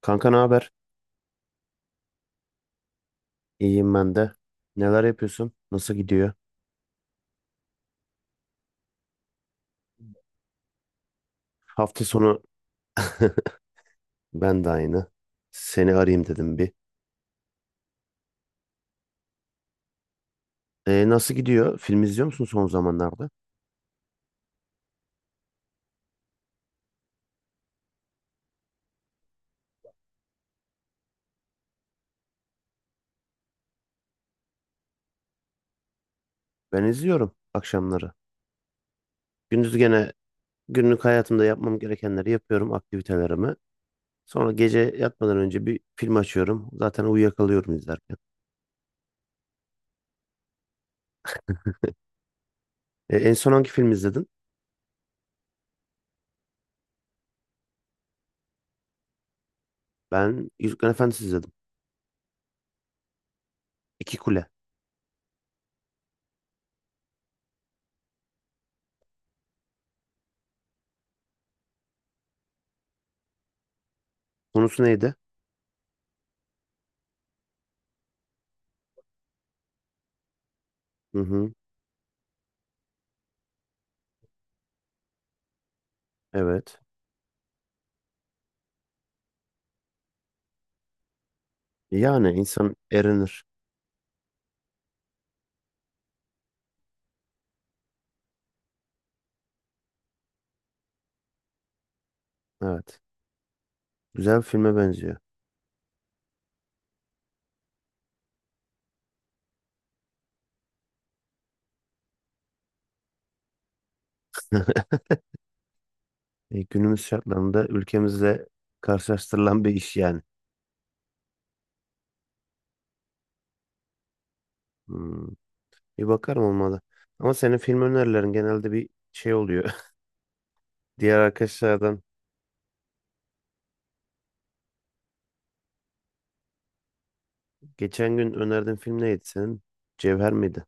Kanka ne haber? İyiyim ben de. Neler yapıyorsun? Nasıl gidiyor? Hafta sonu. Ben de aynı. Seni arayayım dedim bir. Nasıl gidiyor? Film izliyor musun son zamanlarda? Ben izliyorum akşamları. Gündüz gene günlük hayatımda yapmam gerekenleri yapıyorum, aktivitelerimi. Sonra gece yatmadan önce bir film açıyorum. Zaten uyuyakalıyorum izlerken. En son hangi film izledin? Ben Yüzüklerin Efendisi izledim. İki Kule. Konusu neydi? Hı hı. Evet. Yani insan erinir. Evet. Güzel bir filme benziyor. Günümüz şartlarında ülkemizle karşılaştırılan bir iş yani. Hmm, Bir bakarım olmalı. Ama senin film önerilerin genelde bir şey oluyor. Diğer arkadaşlardan geçen gün önerdiğin film neydi senin? Cevher miydi?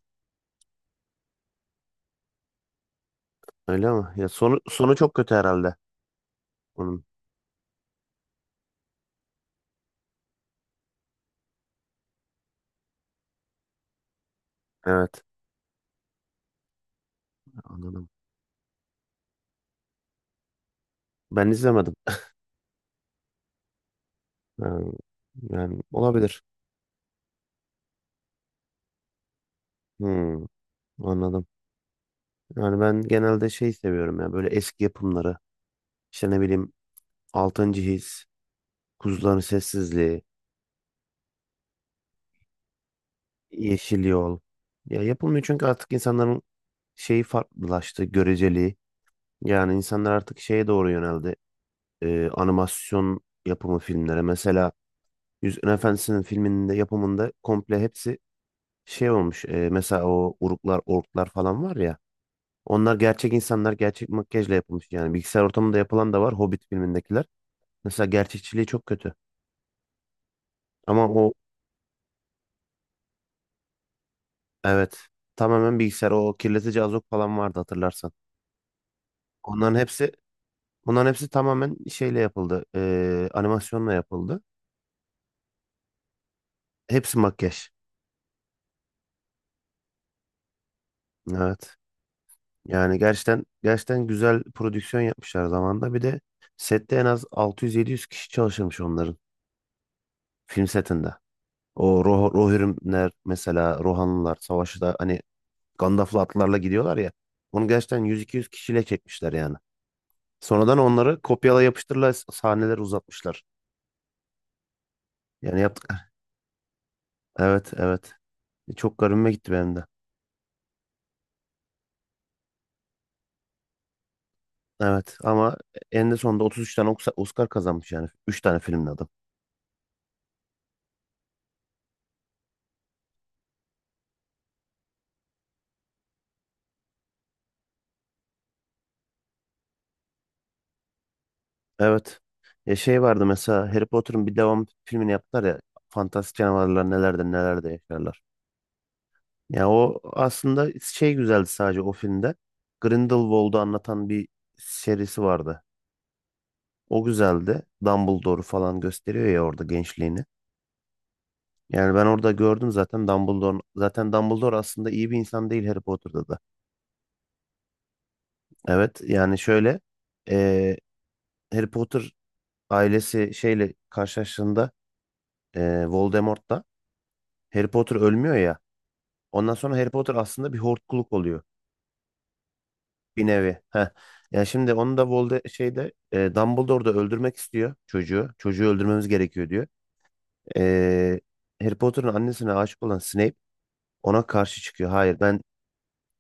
Öyle ama ya sonu çok kötü herhalde onun. Evet, anladım. Ben izlemedim. Ha, yani, olabilir. Hmm, Anladım. Yani ben genelde şey seviyorum ya böyle eski yapımları. İşte ne bileyim 6. His, Kuzuların Sessizliği, Yeşil Yol. Ya yapılmıyor çünkü artık insanların şeyi farklılaştı, göreceliği. Yani insanlar artık şeye doğru yöneldi. Animasyon yapımı filmlere. Mesela Yüzüklerin Efendisi'nin filminde yapımında komple hepsi şey olmuş. Mesela o uruklar, orklar falan var ya. Onlar gerçek insanlar gerçek makyajla yapılmış. Yani bilgisayar ortamında yapılan da var Hobbit filmindekiler. Mesela gerçekçiliği çok kötü. Ama o, evet, tamamen bilgisayar, o kirletici azok falan vardı hatırlarsan. Onların hepsi Bunların hepsi tamamen şeyle yapıldı. Animasyonla yapıldı. Hepsi makyaj. Evet. Yani gerçekten gerçekten güzel prodüksiyon yapmışlar zamanda. Bir de sette en az 600-700 kişi çalışırmış onların film setinde. O Rohirrimler, mesela Rohanlılar savaşı, hani Gandalf'lı atlarla gidiyorlar ya. Onu gerçekten 100-200 kişiyle çekmişler yani. Sonradan onları kopyala yapıştırla sahneler uzatmışlar. Yani yaptık. Evet evet. Çok garibime gitti benim de. Evet ama en de sonunda 33 tane Oscar kazanmış yani. Üç tane filmle adam. Evet. Ya şey vardı mesela, Harry Potter'ın bir devam filmini yaptılar ya. Fantastik Canavarlar Nelerde Yaşarlar. Ya o aslında şey güzeldi sadece o filmde. Grindelwald'u anlatan bir serisi vardı. O güzeldi. Dumbledore'u falan gösteriyor ya orada gençliğini. Yani ben orada gördüm zaten Dumbledore'un, zaten Dumbledore aslında iyi bir insan değil Harry Potter'da da. Evet, yani şöyle, eee Harry Potter ailesi şeyle karşılaştığında, Voldemort'la, Harry Potter ölmüyor ya. Ondan sonra Harry Potter aslında bir hortkuluk oluyor bir nevi. Heh. Ya şimdi onu da şeyde, Dumbledore da öldürmek istiyor çocuğu. Çocuğu öldürmemiz gerekiyor diyor. E, Harry Potter'ın annesine aşık olan Snape ona karşı çıkıyor. Hayır ben,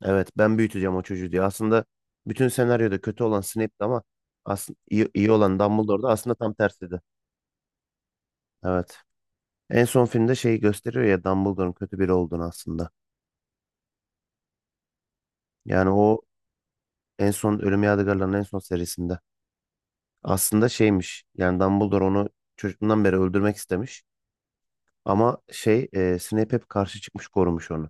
evet ben büyüteceğim o çocuğu diyor. Aslında bütün senaryoda kötü olan Snape'ti ama aslında iyi olan Dumbledore'da aslında tam tersiydi. Evet. En son filmde şeyi gösteriyor ya, Dumbledore'un kötü biri olduğunu aslında. Yani o en son Ölüm Yadigarları'nın en son serisinde. Aslında şeymiş. Yani Dumbledore onu çocukluğundan beri öldürmek istemiş. Ama şey, Snape hep karşı çıkmış, korumuş onu.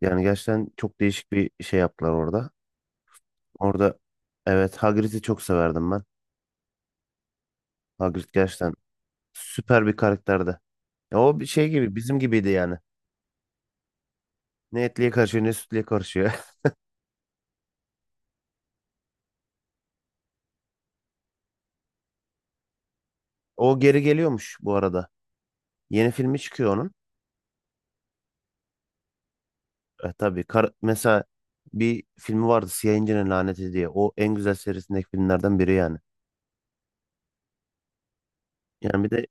Yani gerçekten çok değişik bir şey yaptılar orada. Orada, evet, Hagrid'i çok severdim ben. Hagrid gerçekten süper bir karakterdi. Ya o bir şey gibi bizim gibiydi yani. Ne etliye karışıyor ne sütlüye karışıyor. O geri geliyormuş bu arada. Yeni filmi çıkıyor onun. Tabii mesela bir filmi vardı, Siyah İnci'nin Laneti diye. O en güzel serisindeki filmlerden biri yani. Yani bir de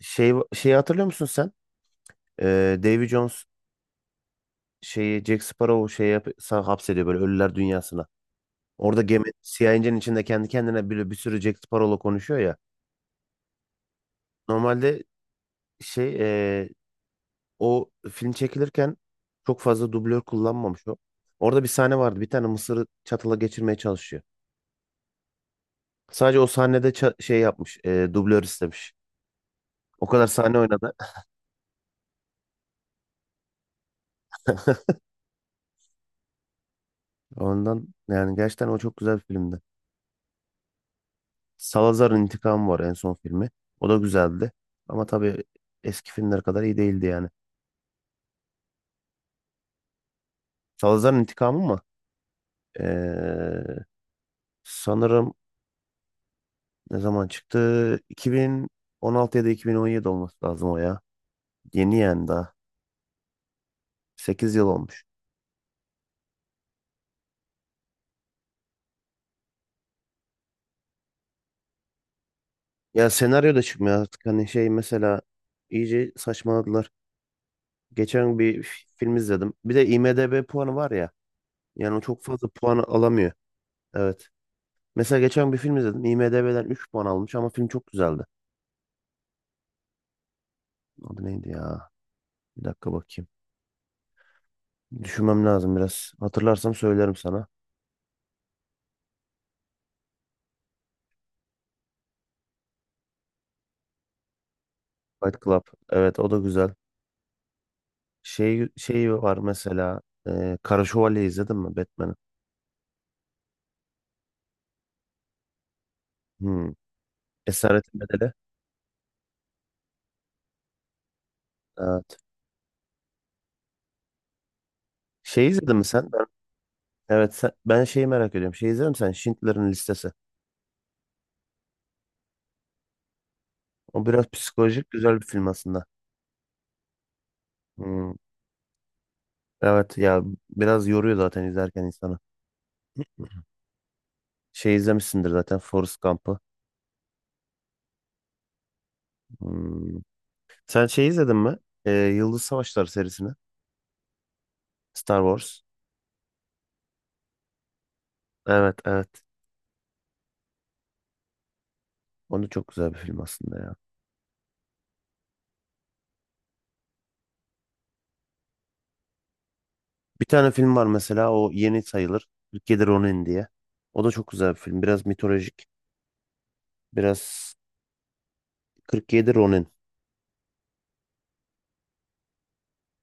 şeyi hatırlıyor musun sen? Davy Jones şeyi, Jack Sparrow şey yap hapsediyor böyle ölüler dünyasına. Orada gemi Siyah İnci'nin içinde kendi kendine bir sürü Jack Sparrow'la konuşuyor ya. Normalde şey, e, o film çekilirken çok fazla dublör kullanmamış o. Orada bir sahne vardı. Bir tane mısırı çatala geçirmeye çalışıyor. Sadece o sahnede şey yapmış. Dublör istemiş. O kadar sahne oynadı. Ondan, yani, gerçekten o çok güzel bir filmdi. Salazar'ın İntikamı var en son filmi. O da güzeldi. Ama tabii eski filmler kadar iyi değildi yani. Salazar'ın İntikamı mı? Ee, Sanırım, ne zaman çıktı? 2016 ya da 2017 olması lazım o ya. Yeni yani daha. 8 yıl olmuş. Ya senaryo da çıkmıyor artık. Hani şey mesela, iyice saçmaladılar. Geçen bir film izledim. Bir de IMDb puanı var ya. Yani o çok fazla puan alamıyor. Evet. Mesela geçen bir film izledim. IMDb'den 3 puan almış ama film çok güzeldi. Adı neydi ya? Bir dakika bakayım. Düşünmem lazım biraz. Hatırlarsam söylerim sana. Fight Club. Evet, o da güzel. Şey var mesela. Kara Şövalye izledin mi, Batman'ı? Hmm. Esaretin Bedeli. Evet. Şey izledin mi sen? Ben, şeyi merak ediyorum. Şey izledin mi sen? Schindler'in Listesi. O biraz psikolojik, güzel bir film aslında. Hmm. Evet ya, biraz yoruyor zaten izlerken insanı. Şey izlemişsindir zaten, Forrest Gump'ı. Hmm. Sen şey izledin mi? Yıldız Savaşları serisini. Star Wars. Evet evet. Onu çok güzel bir film aslında ya. Bir tane film var mesela, o yeni sayılır. 47 Ronin diye. O da çok güzel bir film. Biraz mitolojik. Biraz 47 Ronin.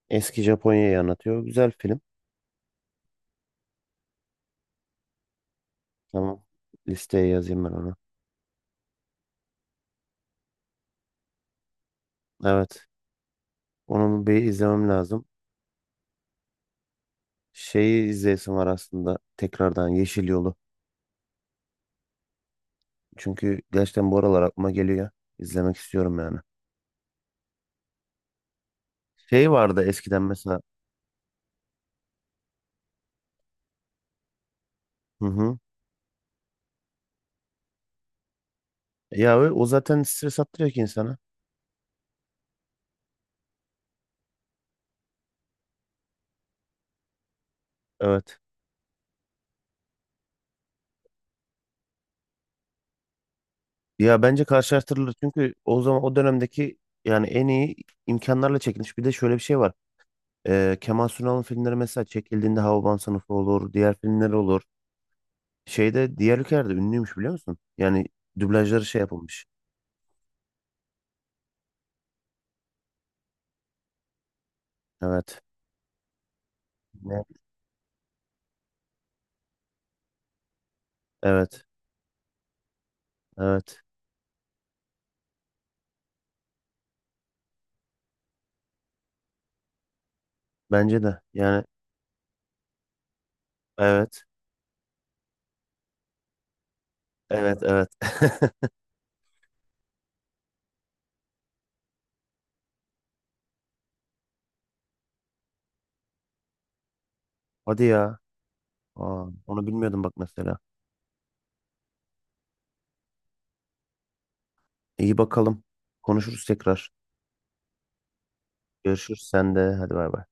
Eski Japonya'yı anlatıyor. Güzel film. Tamam. Listeye yazayım ben onu. Evet. Onu bir izlemem lazım. Şeyi izleyesim var aslında. Tekrardan Yeşil Yolu. Çünkü gerçekten bu aralar aklıma geliyor. İzlemek istiyorum yani. Şey vardı eskiden mesela. Hı hı. Ya, o zaten stres attırıyor ki insana. Evet. Ya bence karşılaştırılır çünkü o zaman o dönemdeki yani en iyi imkanlarla çekilmiş. Bir de şöyle bir şey var. Kemal Sunal'ın filmleri, mesela çekildiğinde, Havaban Sınıfı olur, diğer filmler olur. Şeyde, diğer ülkelerde ünlüymüş biliyor musun? Yani dublajları şey yapılmış. Evet. Ne? Evet. Evet. Bence de. Yani evet. Evet, evet. Hadi ya. Aa, onu bilmiyordum bak mesela. İyi bakalım. Konuşuruz tekrar. Görüşürüz sen de. Hadi bay bay.